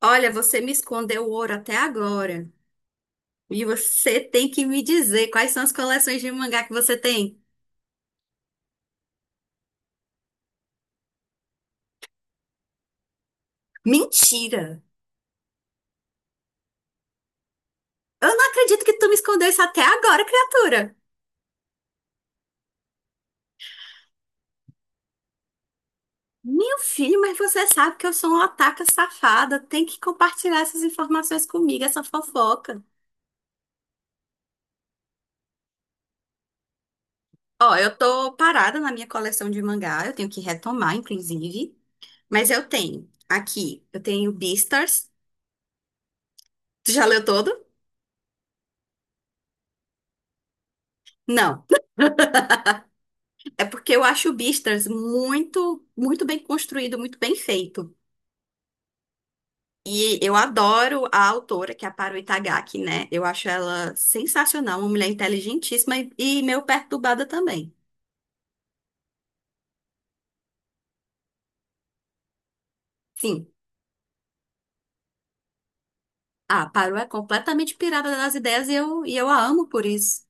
Olha, você me escondeu o ouro até agora. E você tem que me dizer quais são as coleções de mangá que você tem. Mentira! Eu não acredito que tu me escondeu isso até agora, criatura. Meu filho, mas você sabe que eu sou uma otaka safada. Tem que compartilhar essas informações comigo, essa fofoca. Ó, eu tô parada na minha coleção de mangá. Eu tenho que retomar, inclusive. Mas eu tenho aqui, eu tenho Beastars. Tu já leu todo? Não. É porque eu acho o Beastars muito, muito bem construído, muito bem feito. E eu adoro a autora, que é a Haru Itagaki, né? Eu acho ela sensacional, uma mulher inteligentíssima e meio perturbada também. Sim, a Haru é completamente pirada das ideias e eu a amo por isso.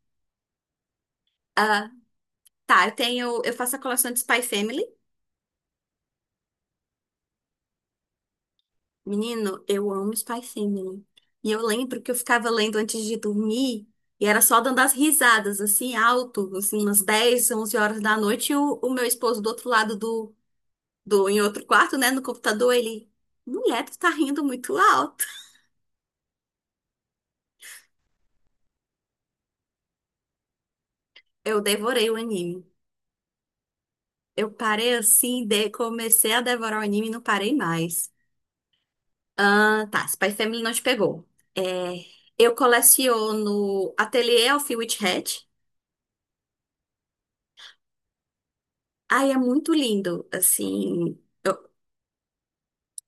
Ah, tá, eu faço a coleção de Spy Family. Menino, eu amo Spy Family. E eu lembro que eu ficava lendo antes de dormir e era só dando as risadas, assim, alto, assim, umas 10, 11 horas da noite. E o meu esposo do outro lado em outro quarto, né, no computador, ele, mulher, tu tá rindo muito alto. Eu devorei o anime. Eu parei assim, comecei a devorar o anime e não parei mais. Ah, tá, Spy Family não te pegou. É, eu coleciono Ateliê Elfie Witch Hat. Ai, é muito lindo, assim. eu-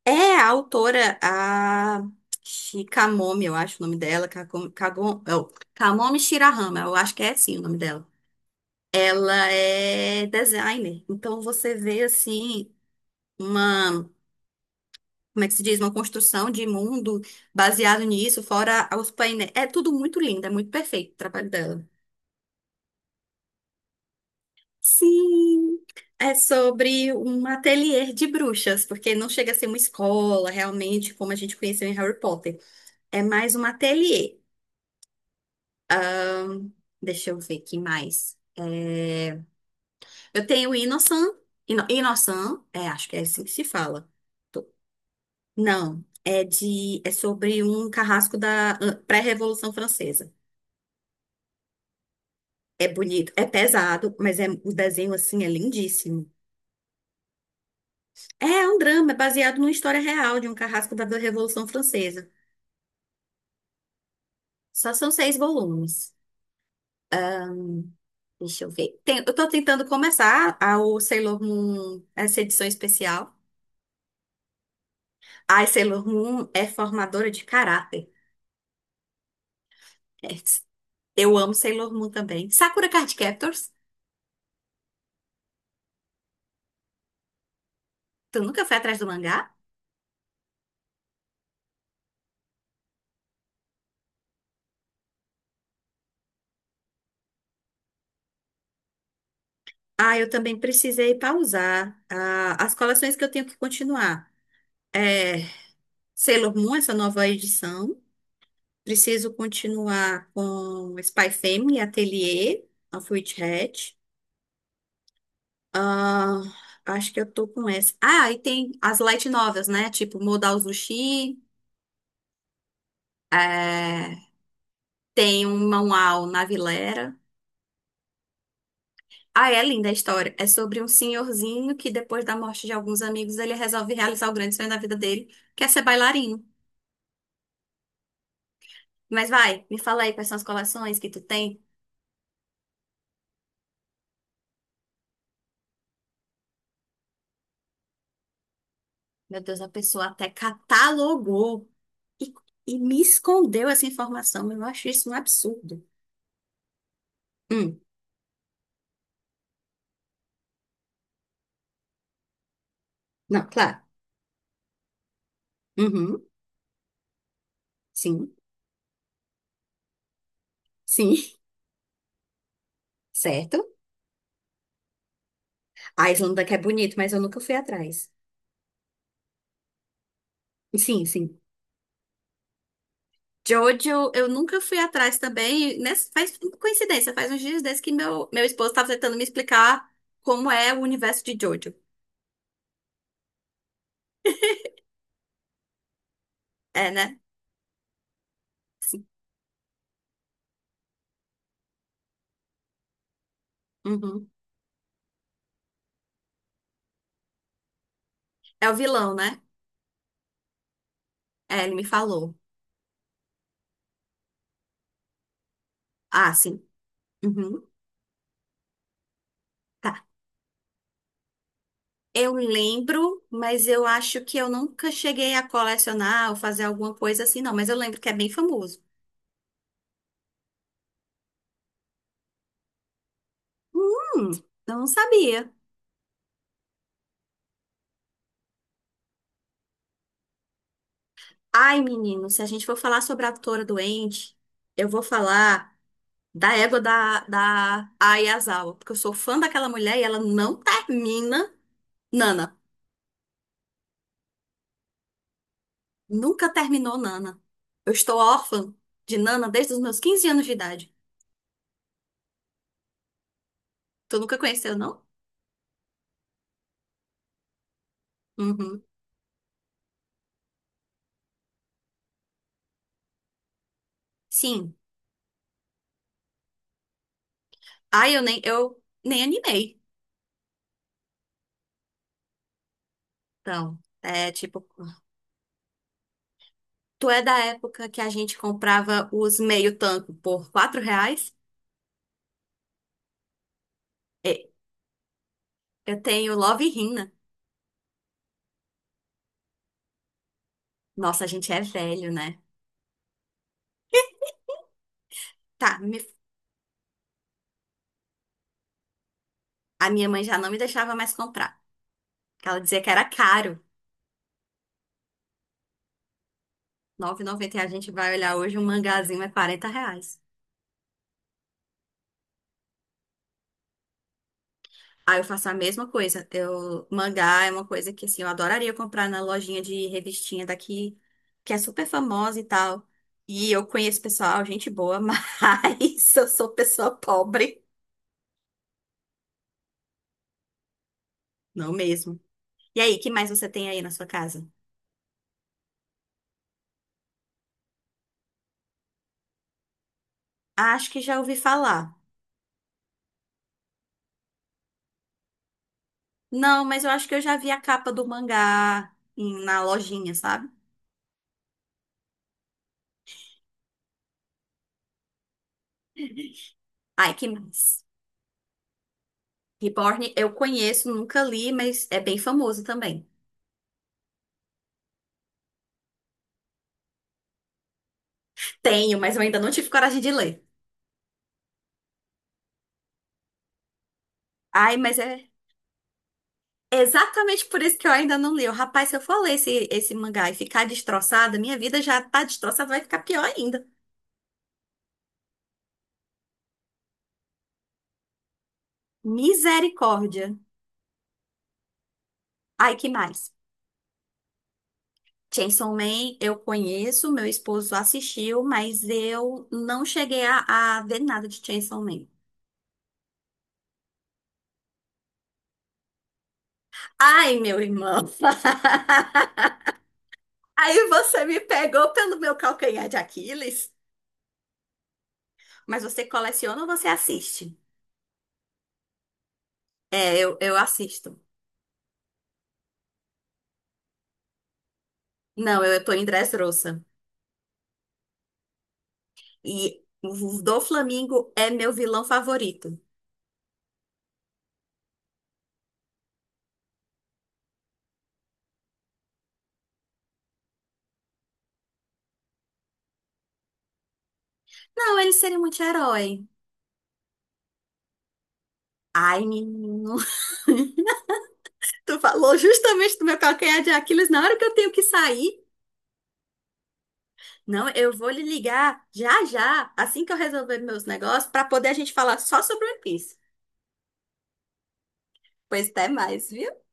É a autora, a Shikamomi, eu acho o nome dela, Kamomi Shirahama, eu acho que é assim o nome dela. Ela é designer, então você vê, assim, uma, como é que se diz, uma construção de mundo baseado nisso, fora os painéis. É tudo muito lindo, é muito perfeito o trabalho dela. Sim! É sobre um ateliê de bruxas, porque não chega a ser uma escola realmente, como a gente conheceu em Harry Potter. É mais um ateliê. Hum, Deixa eu ver que mais. É, eu tenho Inosan. Inosan, é, acho que é assim que se fala. Tô- Não, é de é sobre um carrasco da pré-Revolução Francesa. É bonito, é pesado, mas é o desenho assim é lindíssimo. É um drama, é baseado numa história real de um carrasco da Revolução Francesa. Só são seis volumes. Deixa eu ver. Eu tô tentando começar o Sailor Moon, essa edição especial. Ai, Sailor Moon é formadora de caráter. É, eu amo Sailor Moon também. Sakura Card Captors. Tu nunca foi atrás do mangá? Ah, eu também precisei pausar as coleções que eu tenho que continuar. É, Sailor Moon, essa nova edição. Preciso continuar com Spy Family, Atelier, of Witch Hat. Ah, acho que eu tô com essa. Ah, e tem as light novels, né? Tipo Modal Zushi, é, tem um manual na Vilera. Ah, é linda a história. É sobre um senhorzinho que depois da morte de alguns amigos, ele resolve realizar o grande sonho da vida dele, que é ser bailarino. Mas vai, me fala aí quais são as coleções que tu tem. Meu Deus, a pessoa até catalogou e, e me escondeu essa informação. Eu acho isso um absurdo. Hum, não, claro. Uhum, sim. Sim, certo? A Islândia que é bonito, mas eu nunca fui atrás. Sim, sim. Jojo, eu nunca fui atrás também. Nessa, faz coincidência, faz uns dias desses que meu esposo estava tentando me explicar como é o universo de Jojo. É, né? Sim. Uhum. É o vilão, né? É, ele me falou. Ah, sim. Uhum. Tá. Eu lembro, mas eu acho que eu nunca cheguei a colecionar ou fazer alguma coisa assim, não. Mas eu lembro que é bem famoso. Hum, eu não sabia. Ai, menino, se a gente for falar sobre a autora doente, eu vou falar da égua da Ayazawa, porque eu sou fã daquela mulher e ela não termina Nana. Nunca terminou Nana. Eu estou órfã de Nana desde os meus 15 anos de idade. Tu nunca conheceu, não? Uhum. Sim. Ai, eu nem animei. Então, é tipo, tu é da época que a gente comprava os meio tanco por R$ 4? É, eu tenho Love Hina. Nossa, a gente é velho, né? Tá, a minha mãe já não me deixava mais comprar, porque ela dizia que era caro. R$ 90 e a gente vai olhar hoje um mangazinho é R$ 40. Aí eu faço a mesma coisa. Eu, mangá é uma coisa que assim, eu adoraria comprar na lojinha de revistinha daqui, que é super famosa e tal. E eu conheço pessoal, gente boa, mas eu sou pessoa pobre. Não mesmo. E aí, que mais você tem aí na sua casa? Ah, acho que já ouvi falar. Não, mas eu acho que eu já vi a capa do mangá na lojinha, sabe? Ai, que mais? Reborn eu conheço, nunca li, mas é bem famoso também. Tenho, mas eu ainda não tive coragem de ler. Ai, mas é exatamente por isso que eu ainda não li. Rapaz, se eu for ler esse mangá e ficar destroçada, minha vida já tá destroçada, vai ficar pior ainda. Misericórdia. Ai, que mais? Chainsaw Man eu conheço, meu esposo assistiu, mas eu não cheguei a ver nada de Chainsaw Man. Ai, meu irmão. Aí você me pegou pelo meu calcanhar de Aquiles. Mas você coleciona ou você assiste? É, eu assisto. Não, eu tô em Dressrosa. E o Doflamingo é meu vilão favorito. Não, ele seria um anti-herói. Ai, menino. Tu falou justamente do meu calcanhar de Aquiles na hora que eu tenho que sair. Não, eu vou lhe ligar já já, assim que eu resolver meus negócios, pra poder a gente falar só sobre One Piece. Pois até mais, viu?